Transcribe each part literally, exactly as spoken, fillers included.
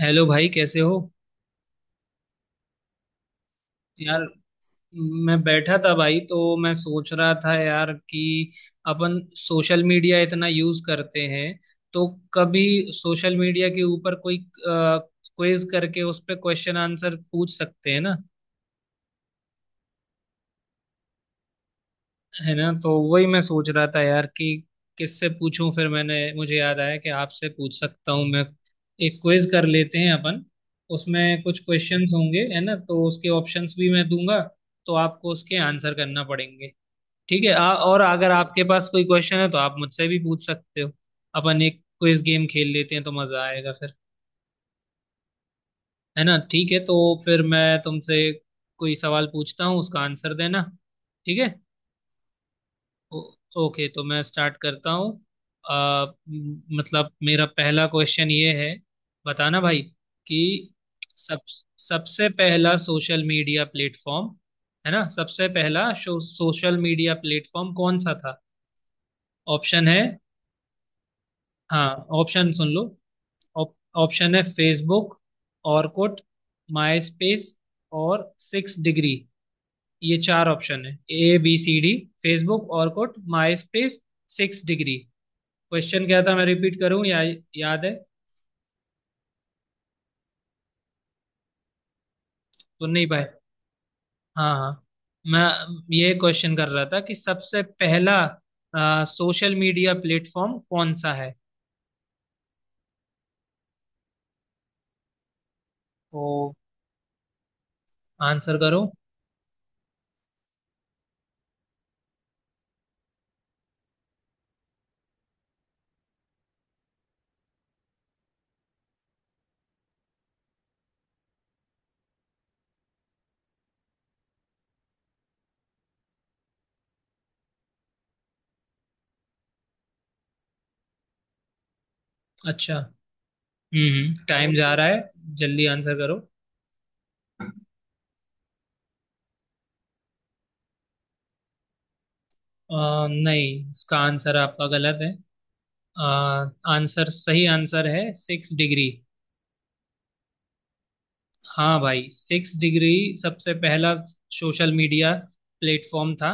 Hello भाई कैसे हो। यार मैं बैठा था भाई, तो मैं सोच रहा था यार कि अपन सोशल मीडिया इतना यूज करते हैं, तो कभी सोशल मीडिया के ऊपर कोई क्विज करके उस पे क्वेश्चन आंसर पूछ सकते हैं ना। है ना, तो वही मैं सोच रहा था यार कि किससे पूछूं। फिर मैंने मुझे याद आया कि आपसे पूछ सकता हूं मैं। एक क्विज कर लेते हैं अपन। उसमें कुछ क्वेश्चंस होंगे, है ना, तो उसके ऑप्शंस भी मैं दूंगा, तो आपको उसके आंसर करना पड़ेंगे। ठीक है। आ, और अगर आपके पास कोई क्वेश्चन है तो आप मुझसे भी पूछ सकते हो। अपन एक क्विज गेम खेल लेते हैं, तो मजा आएगा फिर। है ना, ठीक है। तो फिर मैं तुमसे कोई सवाल पूछता हूँ, उसका आंसर देना। ठीक है। ओ- ओके, तो मैं स्टार्ट करता हूँ। आ, म- मतलब मेरा पहला क्वेश्चन ये है। बताना भाई कि सब सबसे पहला सोशल मीडिया प्लेटफॉर्म, है ना, सबसे पहला शो, सोशल मीडिया प्लेटफॉर्म कौन सा था। ऑप्शन है। हाँ, ऑप्शन सुन लो। ऑप- ऑप्शन है फेसबुक, ऑरकुट, माई स्पेस और सिक्स डिग्री। ये चार ऑप्शन है। A B C D. Facebook, Orkut, MySpace, six degree. Question क्या था, मैं रिपीट करूं या याद है। सुन नहीं पाए। हाँ हाँ, मैं ये क्वेश्चन कर रहा था कि सबसे पहला सोशल मीडिया प्लेटफॉर्म कौन सा है। तो आंसर करो। अच्छा। हम्म, टाइम जा रहा है, जल्दी आंसर करो। आ, नहीं, इसका आंसर आपका गलत है। आ, आंसर, सही आंसर है सिक्स डिग्री। हाँ भाई, सिक्स डिग्री सबसे पहला सोशल मीडिया प्लेटफॉर्म था।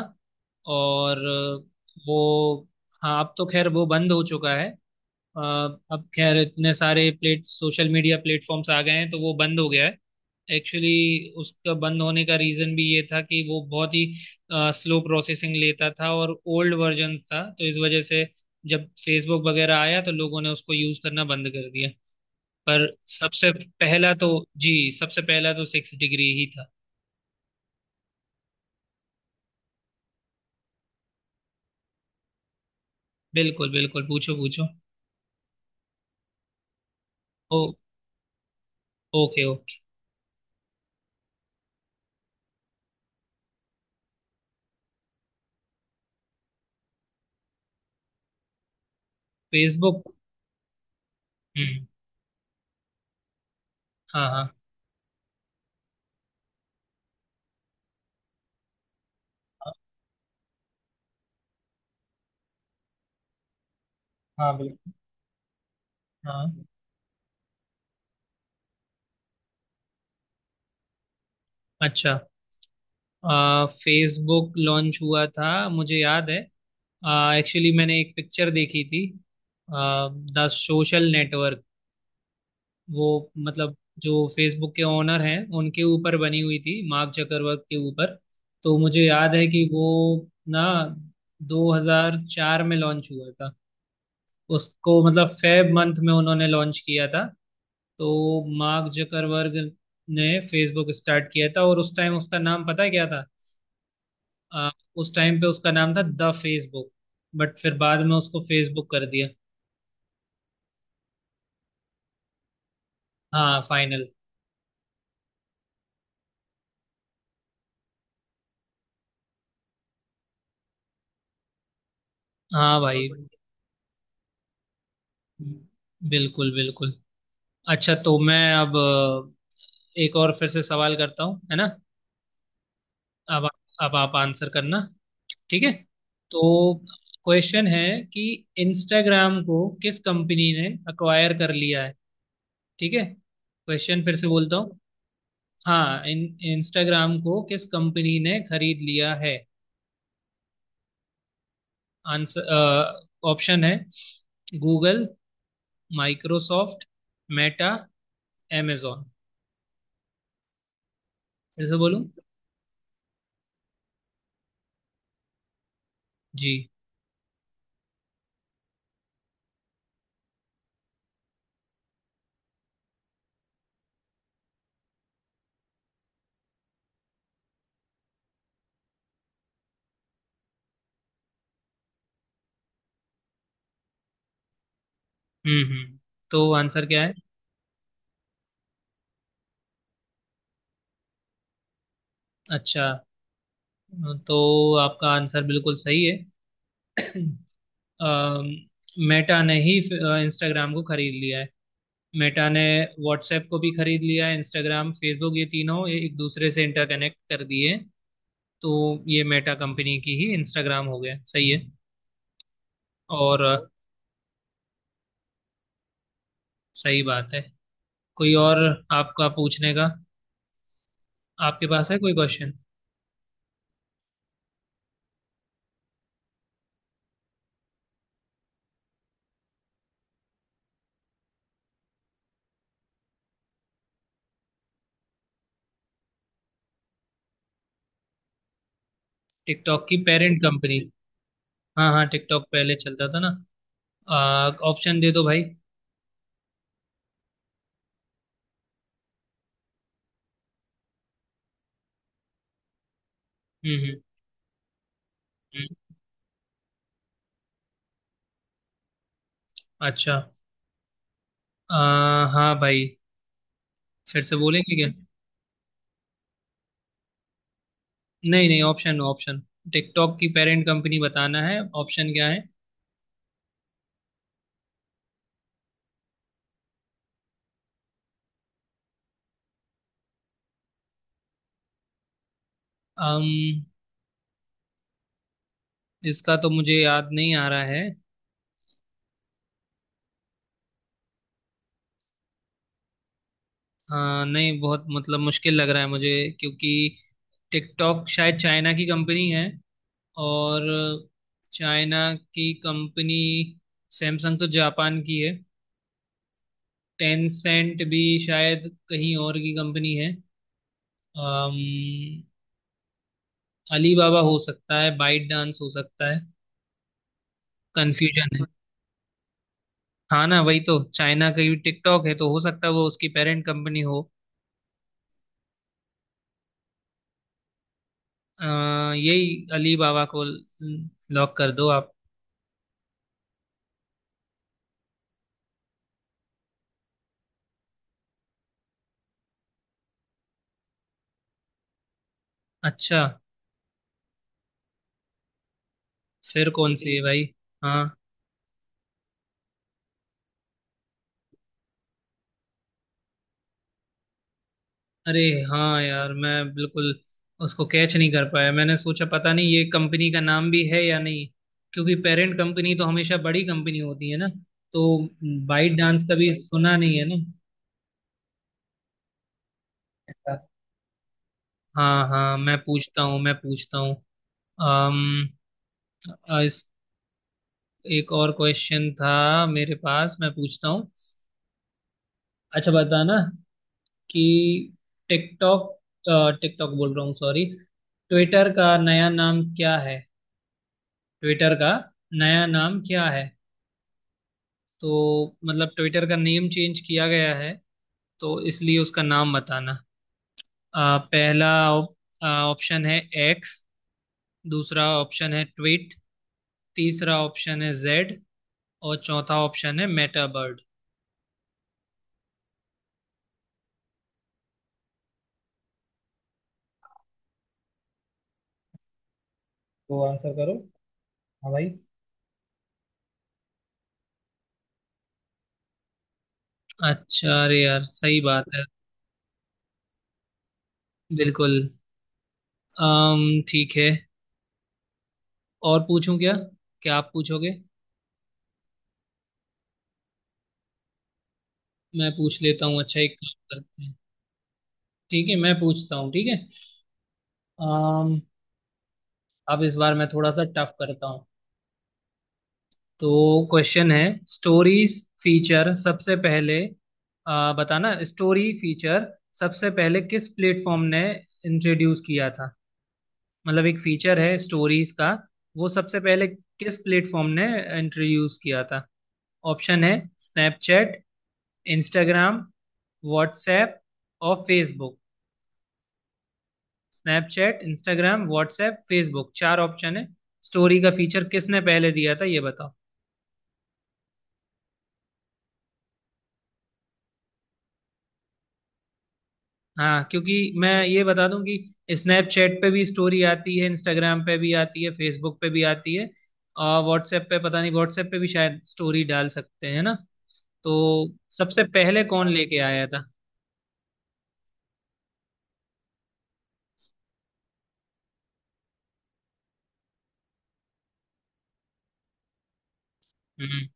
और अ, वो, हाँ, अब तो खैर वो बंद हो चुका है। अ, अब खैर इतने सारे प्लेट सोशल मीडिया प्लेटफॉर्म्स आ गए हैं तो वो बंद हो गया है। एक्चुअली उसका बंद होने का रीज़न भी ये था कि वो बहुत ही स्लो प्रोसेसिंग लेता था और ओल्ड वर्जन था, तो इस वजह से जब फेसबुक वगैरह आया तो लोगों ने उसको यूज़ करना बंद कर दिया। पर सबसे पहला तो जी, सबसे पहला तो सिक्स डिग्री ही था। बिल्कुल बिल्कुल, पूछो पूछो। ओ, ओके ओके। फेसबुक। हम्म। हाँ हाँ। हाँ। हाँ, बिल्कुल। हाँ। अच्छा, आ, फेसबुक लॉन्च हुआ था, मुझे याद है। एक्चुअली मैंने एक पिक्चर देखी थी, द सोशल नेटवर्क। वो मतलब जो फेसबुक के ओनर हैं उनके ऊपर बनी हुई थी, मार्क जकरवर्ग के ऊपर। तो मुझे याद है कि वो ना दो हज़ार चार में लॉन्च हुआ था। उसको मतलब फेब मंथ में उन्होंने लॉन्च किया था। तो मार्क जकरवर्ग ने फेसबुक स्टार्ट किया था और उस टाइम उसका नाम पता है क्या था। आ, उस टाइम पे उसका नाम था द फेसबुक, बट फिर बाद में उसको फेसबुक कर दिया। हाँ फाइनल। हाँ भाई, बिल्कुल बिल्कुल। अच्छा, तो मैं अब अ, एक और फिर से सवाल करता हूँ, है ना। अब आप- अब आप आंसर करना। ठीक है। तो क्वेश्चन है कि इंस्टाग्राम को किस कंपनी ने अक्वायर कर लिया है। ठीक है, क्वेश्चन फिर से बोलता हूँ। हाँ इन इंस्टाग्राम को किस कंपनी ने खरीद लिया है। आंसर, ऑप्शन है गूगल, माइक्रोसॉफ्ट, मेटा, amazon। फिर से बोलूँ। जी। हम्म हम्म। तो आंसर क्या है। अच्छा, तो आपका आंसर बिल्कुल सही है। मेटा ने ही इंस्टाग्राम को खरीद लिया है। मेटा ने व्हाट्सएप को भी खरीद लिया है। इंस्टाग्राम, फेसबुक, ये तीनों ये एक दूसरे से इंटरकनेक्ट कर दिए। तो ये मेटा कंपनी की ही इंस्टाग्राम हो गया। सही है। और अ, सही बात है। कोई और आपका पूछने का, आपके पास है कोई क्वेश्चन। टिकटॉक की पेरेंट कंपनी। हाँ हाँ, टिकटॉक पहले चलता था ना। ऑप्शन दे दो भाई। हम्म। हम्म। हम्म, अच्छा। आ, हाँ भाई, फिर से बोलेंगे क्या। नहीं नहीं ऑप्शन ऑप्शन, टिकटॉक की पेरेंट कंपनी बताना है, ऑप्शन क्या है। अम, इसका तो मुझे याद नहीं आ रहा है। हाँ नहीं, बहुत मतलब मुश्किल लग रहा है मुझे, क्योंकि टिकटॉक शायद चाइना की कंपनी है। और चाइना की कंपनी, सैमसंग तो जापान की है, टेंसेंट भी शायद कहीं और की कंपनी है। अम, अलीबाबा हो सकता है, बाइट डांस हो सकता है। कंफ्यूजन है। हाँ ना, वही तो चाइना का ही टिकटॉक है, तो हो सकता है वो उसकी पेरेंट कंपनी हो। आ, यही अली बाबा को लॉक कर दो आप। अच्छा, फिर कौन सी है भाई। हाँ, अरे, हाँ यार, मैं बिल्कुल उसको कैच नहीं कर पाया। मैंने सोचा पता नहीं ये कंपनी का नाम भी है या नहीं, क्योंकि पेरेंट कंपनी तो हमेशा बड़ी कंपनी होती है ना। तो बाइट डांस का भी सुना नहीं है ना। हाँ हाँ, मैं पूछता हूँ मैं पूछता हूँ। अम, एक और क्वेश्चन था मेरे पास, मैं पूछता हूँ। अच्छा बताना कि टिकटॉक टिकटॉक बोल रहा हूँ, सॉरी। ट्विटर का नया नाम क्या है। ट्विटर का नया नाम क्या है। तो मतलब ट्विटर का नेम चेंज किया गया है, तो इसलिए उसका नाम बताना। आ, पहला ऑप्शन है एक्स, दूसरा ऑप्शन है ट्वीट, तीसरा ऑप्शन है जेड, और चौथा ऑप्शन है मेटाबर्ड। तो आंसर करो। हाँ भाई। अच्छा, अरे यार सही बात है। बिल्कुल। अम, ठीक है। और पूछूं क्या, क्या आप पूछोगे। मैं पूछ लेता हूँ, अच्छा एक काम करते हैं। ठीक है, मैं पूछता हूँ, ठीक है। अम, अब इस बार मैं थोड़ा सा टफ करता हूँ। तो क्वेश्चन है, स्टोरीज फीचर सबसे पहले, अ, बताना, स्टोरी फीचर सबसे पहले किस प्लेटफॉर्म ने इंट्रोड्यूस किया था। मतलब एक फीचर है स्टोरीज का, वो सबसे पहले किस प्लेटफॉर्म ने इंट्रोड्यूस किया था। ऑप्शन है स्नैपचैट, इंस्टाग्राम, व्हाट्सएप और Facebook. Snapchat, Instagram, WhatsApp, Facebook, चार ऑप्शन है। स्टोरी का फीचर किसने पहले दिया था, ये बताओ। हाँ क्योंकि मैं ये बता दूं कि स्नैपचैट पे भी स्टोरी आती है, इंस्टाग्राम पे भी आती है, फेसबुक पे भी आती है, और व्हाट्सएप पे पता नहीं, व्हाट्सएप पे भी शायद स्टोरी डाल सकते हैं ना। तो सबसे पहले कौन लेके आया था। हम्म।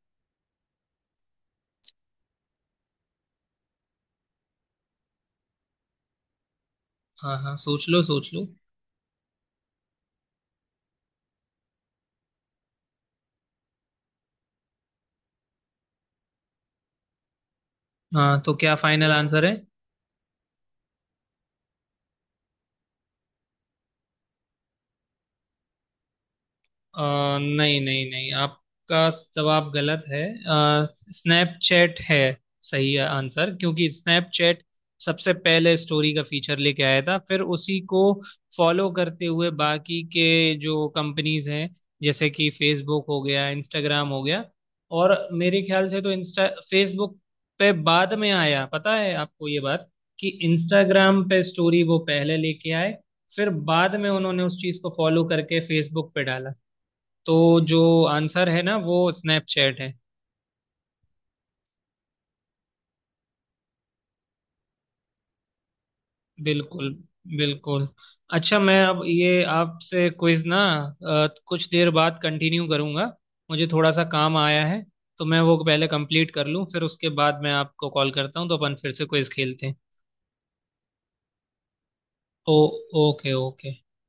हाँ हाँ, सोच लो सोच लो। हाँ, तो क्या फाइनल आंसर है। अ, नहीं नहीं नहीं, आपका जवाब गलत है, स्नैपचैट है सही आंसर, क्योंकि स्नैपचैट सबसे पहले स्टोरी का फीचर लेके आया था। फिर उसी को फॉलो करते हुए बाकी के जो कंपनीज हैं, जैसे कि फेसबुक हो गया, इंस्टाग्राम हो गया। और मेरे ख्याल से तो इंस्टा फेसबुक पे बाद में आया, पता है आपको ये बात, कि इंस्टाग्राम पे स्टोरी वो पहले लेके आए, फिर बाद में उन्होंने उस चीज को फॉलो करके फेसबुक पे डाला। तो जो आंसर है ना, वो स्नैपचैट है। बिल्कुल बिल्कुल। अच्छा, मैं अब ये आपसे क्विज ना अ, कुछ देर बाद कंटिन्यू करूंगा। मुझे थोड़ा सा काम आया है, तो मैं वो पहले कंप्लीट कर लूं, फिर उसके बाद मैं आपको कॉल करता हूँ, तो अपन फिर से क्विज खेलते हैं। Oh, okay okay.